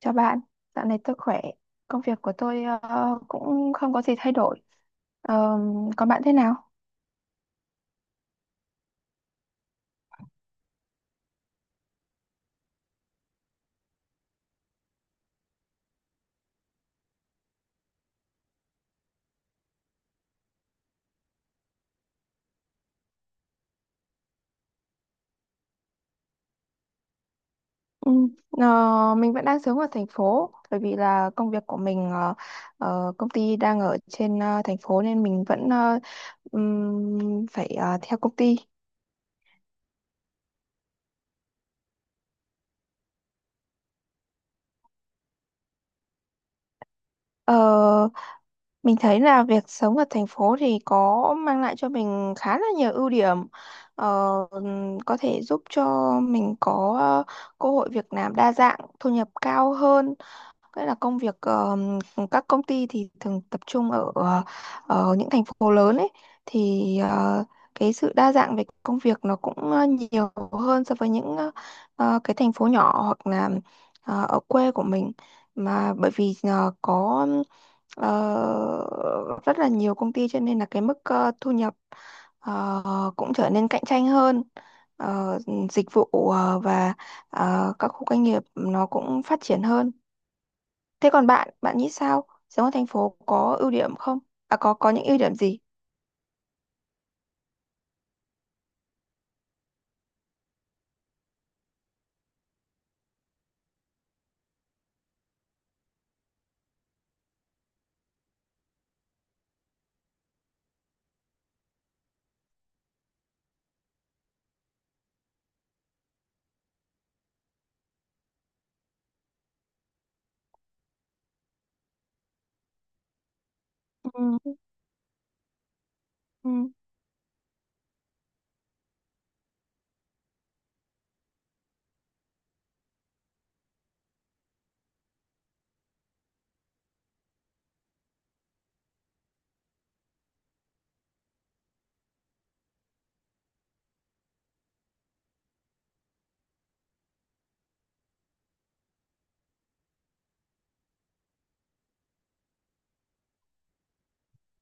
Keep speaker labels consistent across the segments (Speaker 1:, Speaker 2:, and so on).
Speaker 1: Chào bạn, dạo này tôi khỏe. Công việc của tôi cũng không có gì thay đổi. Ờ, còn bạn thế nào? Ừ, mình vẫn đang sống ở thành phố bởi vì là công việc của mình công ty đang ở trên thành phố nên mình vẫn phải theo công ty. Ờ, Mình thấy là việc sống ở thành phố thì có mang lại cho mình khá là nhiều ưu điểm. Ờ, có thể giúp cho mình có cơ hội việc làm đa dạng, thu nhập cao hơn. Cái là công việc các công ty thì thường tập trung ở những thành phố lớn ấy thì cái sự đa dạng về công việc nó cũng nhiều hơn so với những cái thành phố nhỏ hoặc là ở quê của mình mà bởi vì có ờ, rất là nhiều công ty cho nên là cái mức thu nhập ờ, cũng trở nên cạnh tranh hơn. Ờ, dịch vụ và các khu công nghiệp nó cũng phát triển hơn. Thế còn bạn, bạn nghĩ sao? Sống ở thành phố có ưu điểm không? À, có những ưu điểm gì? Ừ, ừ.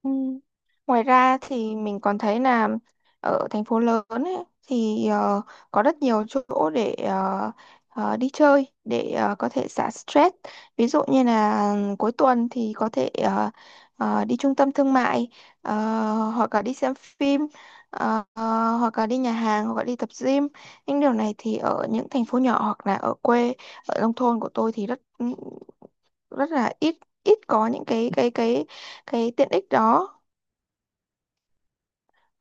Speaker 1: Ừ. Ngoài ra thì mình còn thấy là ở thành phố lớn ấy, thì có rất nhiều chỗ để đi chơi để có thể xả stress. Ví dụ như là cuối tuần thì có thể đi trung tâm thương mại ờ, hoặc là đi xem phim hoặc là đi nhà hàng hoặc là đi tập gym. Những điều này thì ở những thành phố nhỏ hoặc là ở quê ở nông thôn của tôi thì rất rất là ít, ít có những cái tiện ích đó.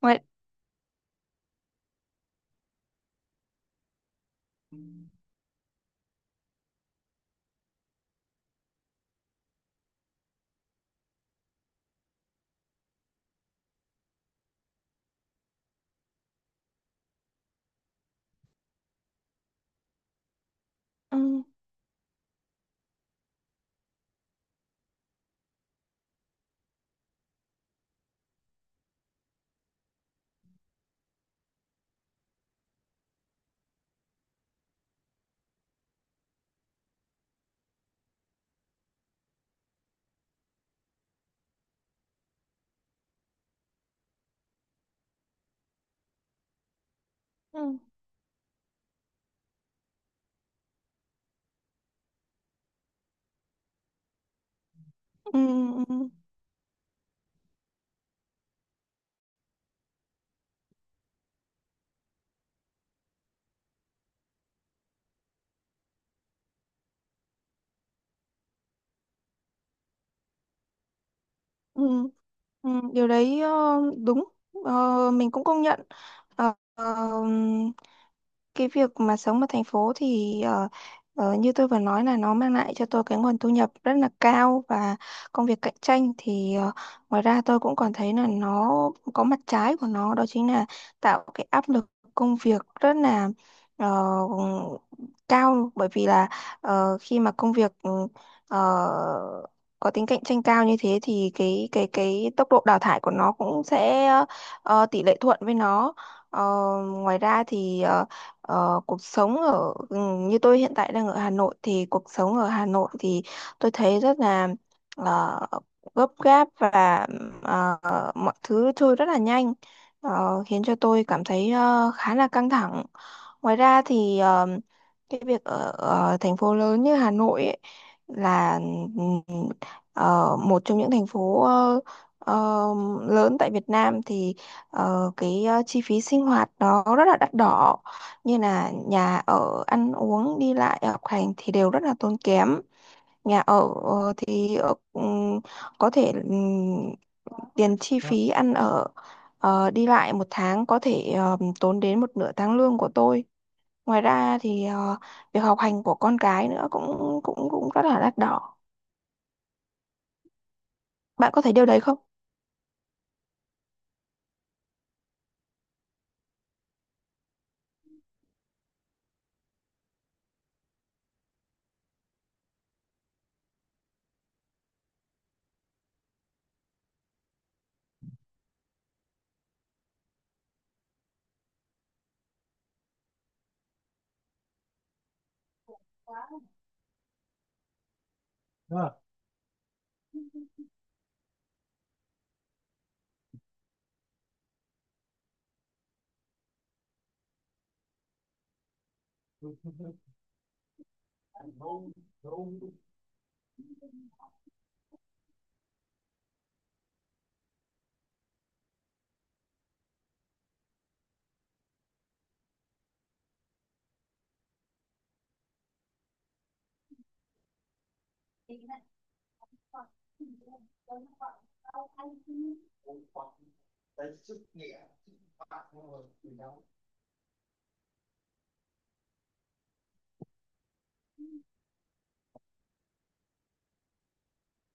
Speaker 1: Ngoài ừ, ừ, ừ, ừ, ừ, ừ, điều đấy đúng. Ờ, mình cũng công nhận. Ờ, ờ, cái việc mà sống ở thành phố thì như tôi vừa nói là nó mang lại cho tôi cái nguồn thu nhập rất là cao và công việc cạnh tranh thì ngoài ra tôi cũng còn thấy là nó có mặt trái của nó, đó chính là tạo cái áp lực công việc rất là ờ, cao bởi vì là khi mà công việc ờ, có tính cạnh tranh cao như thế thì cái tốc độ đào thải của nó cũng sẽ tỷ lệ thuận với nó. Ờ, ngoài ra thì cuộc sống ở như tôi hiện tại đang ở Hà Nội thì cuộc sống ở Hà Nội thì tôi thấy rất là ờ, gấp gáp và ờ, mọi thứ trôi rất là nhanh, khiến cho tôi cảm thấy khá là căng thẳng. Ngoài ra thì cái việc ở thành phố lớn như Hà Nội ấy, là ừ, một trong những thành phố ờ, lớn tại Việt Nam thì cái chi phí sinh hoạt nó rất là đắt đỏ, như là nhà ở, ăn uống, đi lại, học hành thì đều rất là tốn kém. Nhà ở thì có thể tiền chi phí ăn ở đi lại một tháng có thể tốn đến một nửa tháng lương của tôi. Ngoài ra thì việc học hành của con cái nữa cũng cũng cũng rất là đắt đỏ. Bạn có thấy điều đấy không?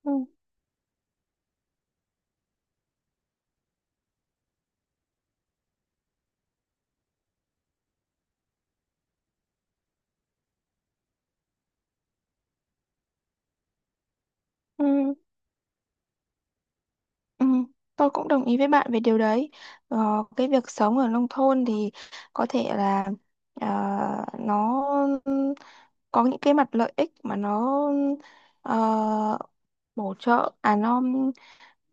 Speaker 1: Ừ. Ừ. Ừ, tôi cũng đồng ý với bạn về điều đấy. Ờ, cái việc sống ở nông thôn thì có thể là ờ, nó có những cái mặt lợi ích mà nó ờ, bổ trợ, à nó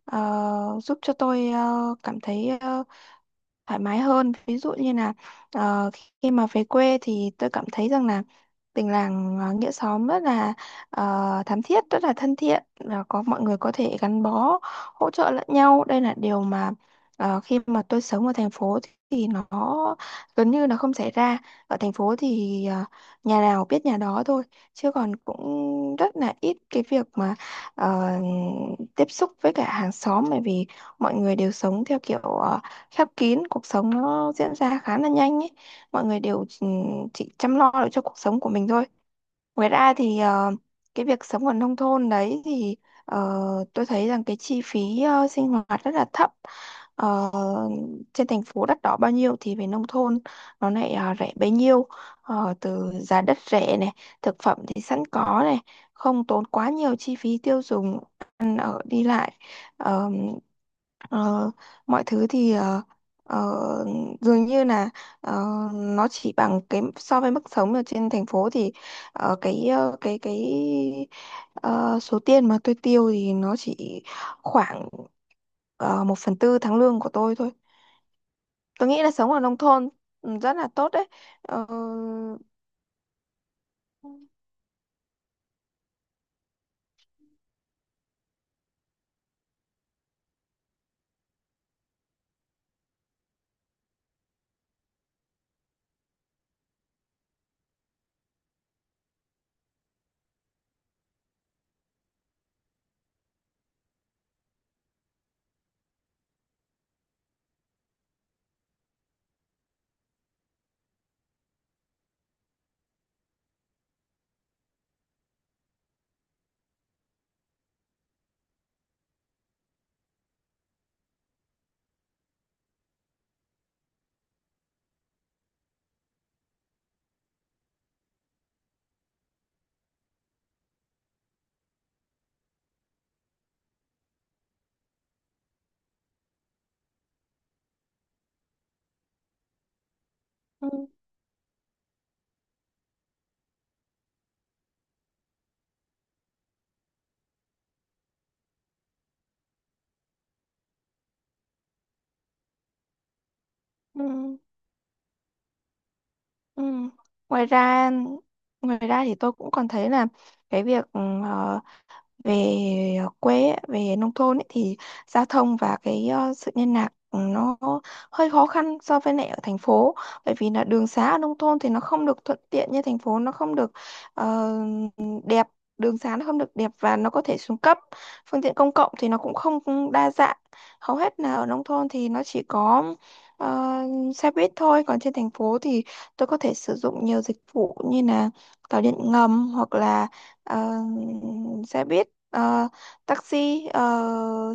Speaker 1: giúp cho tôi cảm thấy thoải mái hơn. Ví dụ như là ờ, khi mà về quê thì tôi cảm thấy rằng là tình làng nghĩa xóm rất là thắm thiết, rất là thân thiện và có mọi người có thể gắn bó hỗ trợ lẫn nhau. Đây là điều mà khi mà tôi sống ở thành phố thì nó gần như là không xảy ra. Ở thành phố thì nhà nào biết nhà đó thôi, chứ còn cũng rất là ít cái việc mà ờ, tiếp xúc với cả hàng xóm, bởi vì mọi người đều sống theo kiểu khép kín, cuộc sống nó diễn ra khá là nhanh ấy. Mọi người đều chỉ chăm lo được cho cuộc sống của mình thôi. Ngoài ra thì cái việc sống ở nông thôn đấy thì ờ, tôi thấy rằng cái chi phí sinh hoạt rất là thấp. Ờ, trên thành phố đắt đỏ bao nhiêu thì về nông thôn nó lại rẻ bấy nhiêu. Ờ, từ giá đất rẻ này, thực phẩm thì sẵn có này, không tốn quá nhiều chi phí tiêu dùng, ăn ở đi lại. Ờ, ờ, mọi thứ thì ờ, dường như là ờ, nó chỉ bằng cái so với mức sống ở trên thành phố thì cái ờ, số tiền mà tôi tiêu thì nó chỉ khoảng một phần tư tháng lương của tôi thôi. Tôi nghĩ là sống ở nông thôn rất là tốt đấy. Ờ, ừ, ừ, ừ. Ngoài ra ngoài ra thì tôi cũng còn thấy là cái việc về quê ấy, về nông thôn ấy, thì giao thông và cái sự liên lạc nó hơi khó khăn so với lại ở thành phố, bởi vì là đường xá ở nông thôn thì nó không được thuận tiện như thành phố, nó không được ờ, đẹp. Đường xá nó không được đẹp và nó có thể xuống cấp. Phương tiện công cộng thì nó cũng không đa dạng, hầu hết là ở nông thôn thì nó chỉ có ờ, xe buýt thôi, còn trên thành phố thì tôi có thể sử dụng nhiều dịch vụ như là tàu điện ngầm, hoặc là ờ, xe buýt, taxi,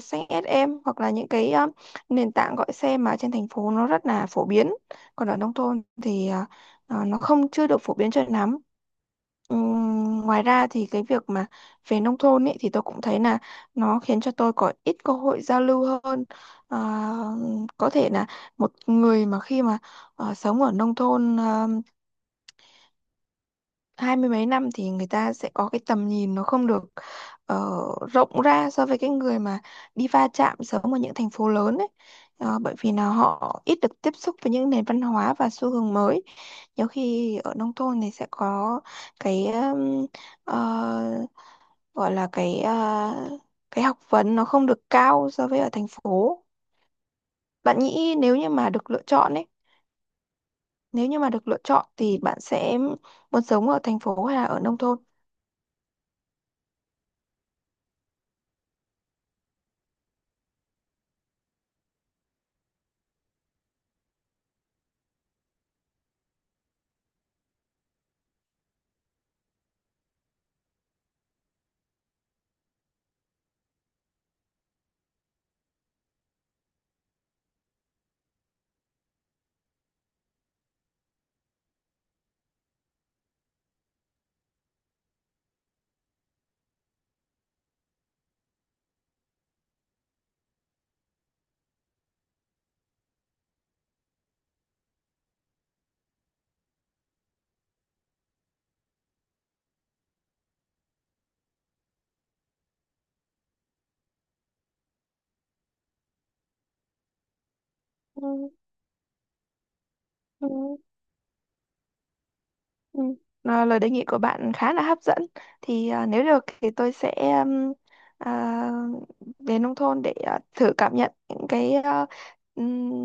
Speaker 1: xanh SM hoặc là những cái nền tảng gọi xe mà trên thành phố nó rất là phổ biến, còn ở nông thôn thì nó không, chưa được phổ biến cho lắm. Ngoài ra thì cái việc mà về nông thôn ấy thì tôi cũng thấy là nó khiến cho tôi có ít cơ hội giao lưu hơn. Ờ, có thể là một người mà khi mà sống ở nông thôn 20 mấy năm thì người ta sẽ có cái tầm nhìn nó không được ờ, rộng ra so với cái người mà đi va chạm sớm ở những thành phố lớn ấy. Ờ, bởi vì là họ ít được tiếp xúc với những nền văn hóa và xu hướng mới, nhiều khi ở nông thôn thì sẽ có cái ờ, gọi là cái cái học vấn nó không được cao so với ở thành phố. Bạn nghĩ nếu như mà được lựa chọn ấy, nếu như mà được lựa chọn thì bạn sẽ muốn sống ở thành phố hay là ở nông thôn? Ừ, ừ. Ừ. À, lời đề nghị của bạn khá là hấp dẫn. Thì à, nếu được thì tôi sẽ um, à, về nông thôn để à, thử cảm nhận những cái ừm,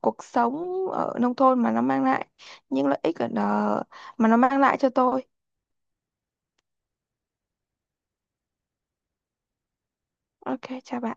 Speaker 1: cuộc sống ở nông thôn mà nó mang lại những lợi ích ở đó, mà nó mang lại cho tôi. Ok, chào bạn.